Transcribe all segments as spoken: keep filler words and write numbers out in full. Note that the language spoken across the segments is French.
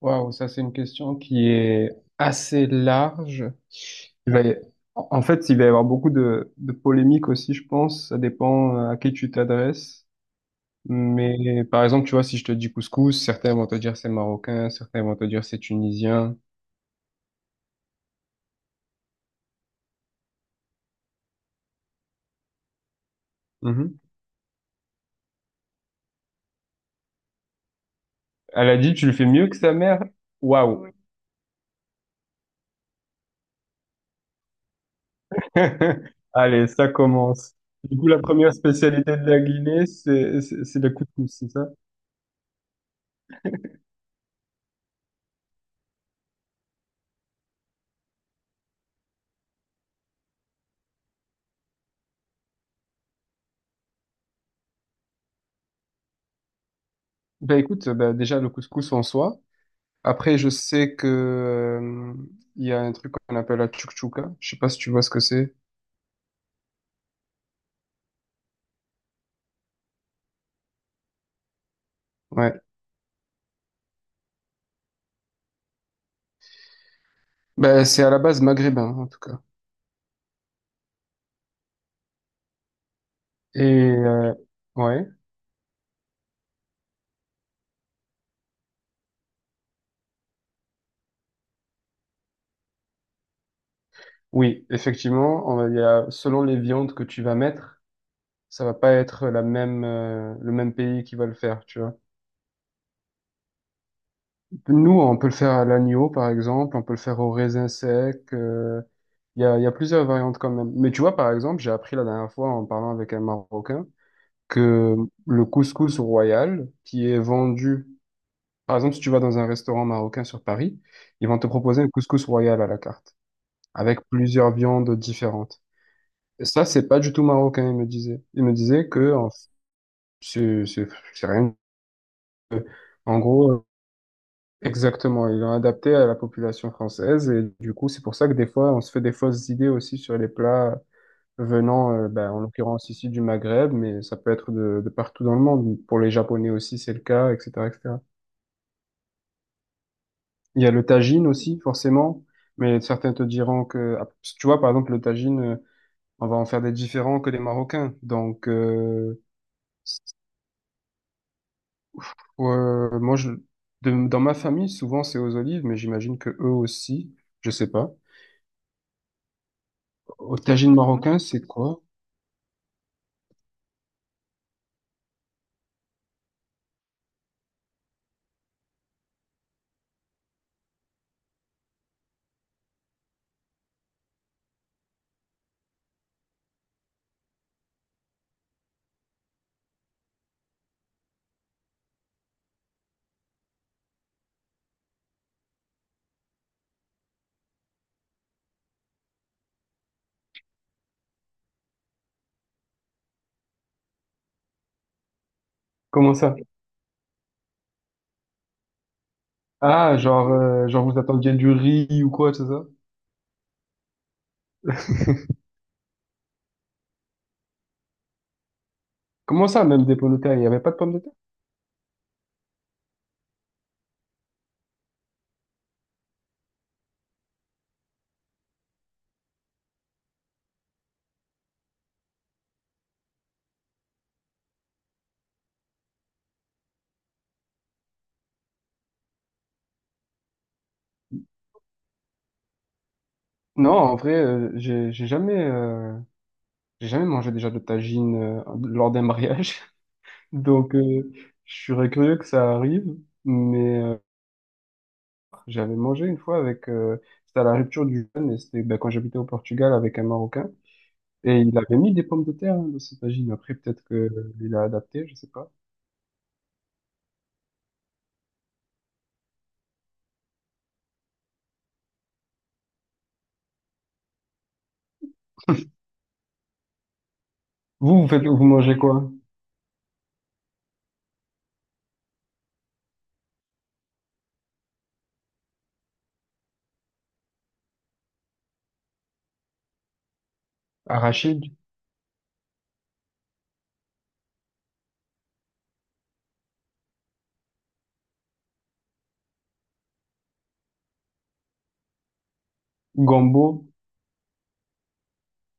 Waouh, ça c'est une question qui est assez large. Il va y- En fait, il va y avoir beaucoup de, de polémiques aussi, je pense. Ça dépend euh, à qui tu t'adresses. Mais par exemple, tu vois, si je te dis couscous, certains vont te dire c'est marocain, certains vont te dire c'est tunisien. Mhm. Elle a dit, tu le fais mieux que sa mère? Waouh! Allez, ça commence. Du coup, la première spécialité de la Guinée, c'est c'est- c'est le couscous, c'est ça? Ben écoute, ben, déjà le couscous en soi. Après, je sais que, euh, il y a un truc qu'on appelle la tchouktchouka. Je sais pas si tu vois ce que c'est. Ouais. Ben, c'est à la base maghrébin, en tout cas. Et, euh, ouais. Oui, effectivement, on va- il y a, selon les viandes que tu vas mettre, ça va pas être la même, euh, le même pays qui va le faire, tu vois. Nous, on peut le faire à l'agneau, par exemple. On peut le faire au raisin sec. euh, Il y a, il y a plusieurs variantes quand même. Mais tu vois, par exemple, j'ai appris la dernière fois en parlant avec un Marocain. Que le couscous royal qui est vendu, par exemple, si tu vas dans un restaurant marocain sur Paris, ils vont te proposer un couscous royal à la carte, avec plusieurs viandes différentes. Et ça, c'est pas du tout marocain, il me disait. Il me disait que en- f- c'est c'est- c'est rien. En gros, euh, exactement, ils l'ont adapté à la population française et du coup, c'est pour ça que des fois, on se fait des fausses idées aussi sur les plats venant, euh, ben, en l'occurrence ici du Maghreb, mais ça peut être de, de partout dans le monde. Pour les Japonais aussi, c'est le cas, et cetera, et cetera. Il y a le tagine aussi, forcément, mais certains te diront que, ah, parce que tu vois, par exemple, le tagine, euh, on va en faire des différents que les Marocains. Donc, euh, euh, moi, je, de- dans ma famille, souvent, c'est aux olives, mais j'imagine que eux aussi, je sais pas. Au tagine marocain, c'est quoi? Comment ça? Ah, genre, euh, genre vous attendiez du riz ou quoi, c'est ça? Comment ça, même des pommes de terre? Il n'y avait pas de pommes de terre? Non, en vrai, euh, j'ai j'ai jamais, euh, j'ai jamais mangé déjà de tagine euh, lors d'un mariage. Donc, euh, je serais curieux que ça arrive. Mais euh, j'avais mangé une fois avec, euh, c'était à la rupture du jeûne et c'était ben, quand j'habitais au Portugal avec un Marocain. Et il avait mis des pommes de terre hein, dans cette tagine. Après, peut-être que euh, il a adapté, je sais pas. Vous, vous faites, vous mangez quoi? Arachide, gombo.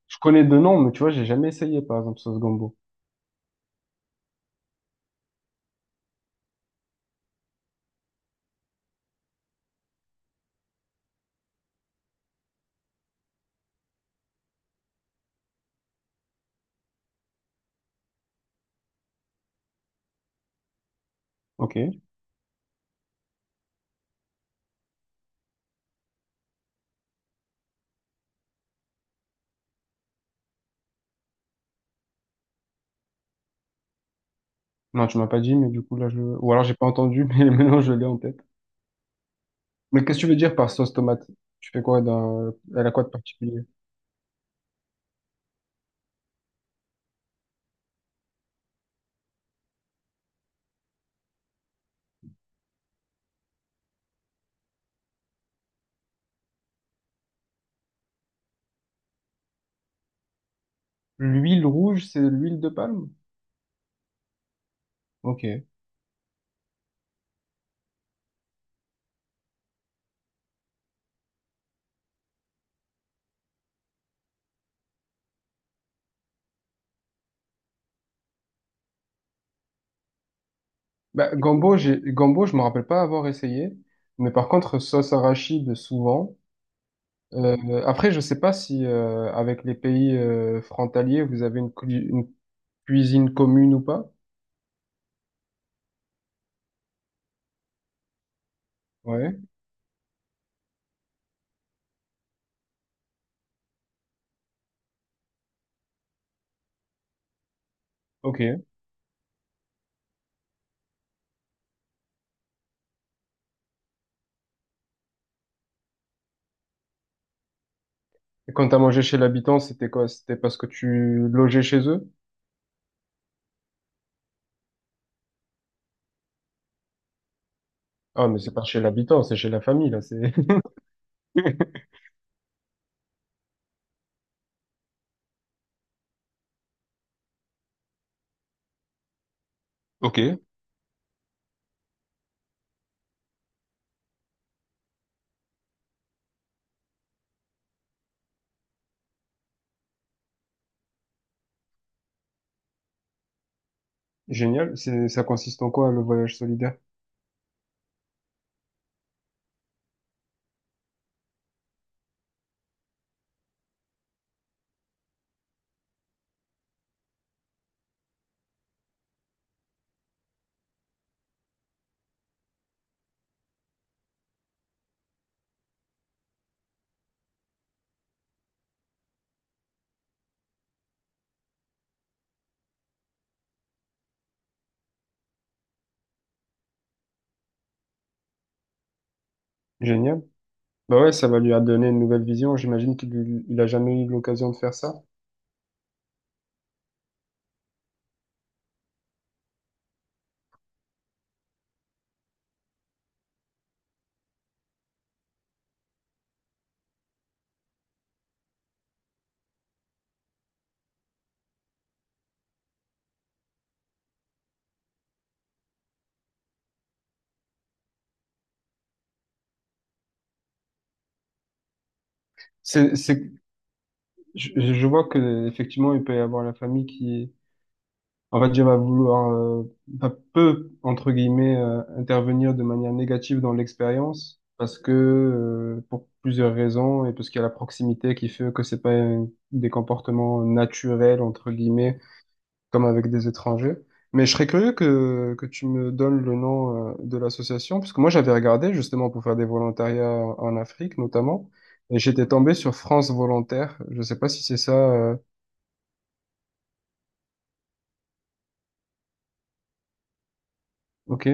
Je connais deux noms, mais tu vois, j'ai jamais essayé, par exemple, sauce gombo. Ok. Non, tu m'as pas dit, mais du coup, là, je... Ou alors, j'ai pas entendu, mais maintenant, je l'ai en tête. Mais qu'est-ce que tu veux dire par sauce tomate? Tu fais quoi dans... Elle a quoi de particulier? L'huile rouge, c'est l'huile de palme? Ok. Bah, gombo, j'ai... gombo, je me rappelle pas avoir essayé. Mais par contre, sauce arachide, souvent. Euh, après, je sais pas si euh, avec les pays euh, frontaliers, vous avez une, cui- une cuisine commune ou pas. Ouais, ok. Et quand t'as mangé chez l'habitant, c'était quoi? C'était parce que tu logeais chez eux? Ah, mais c'est pas chez l'habitant, c'est chez la famille, là. C'est... Ok, génial. C'est, ça consiste en quoi, le voyage solidaire? Génial. Bah ouais, ça va lui donner une nouvelle vision. J'imagine qu'il il a jamais eu l'occasion de faire ça. C'est, c'est, je, je vois que effectivement, il peut y avoir la famille qui... En fait, je vais vouloir, euh, enfin, peu, entre guillemets, euh, intervenir de manière négative dans l'expérience parce que, euh, pour plusieurs raisons et parce qu'il y a la proximité qui fait que c'est pas euh, des comportements naturels, entre guillemets, comme avec des étrangers. Mais je serais curieux que, que tu me donnes le nom, euh, de l'association parce que moi, j'avais regardé justement pour faire des volontariats en en Afrique, notamment, et j'étais tombé sur France Volontaire. Je sais pas si c'est ça, euh, ok?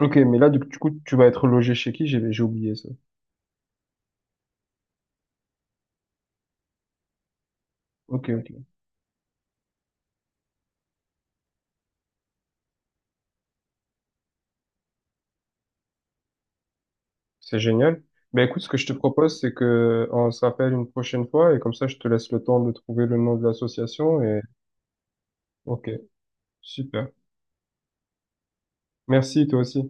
Ok, mais là, du du coup, tu vas être logé chez qui? J'ai j'ai oublié ça. Ok, ok. C'est génial. Ben écoute, ce que je te propose, c'est que on se rappelle une prochaine fois et comme ça, je te laisse le temps de trouver le nom de l'association et ok, super. Merci, toi aussi.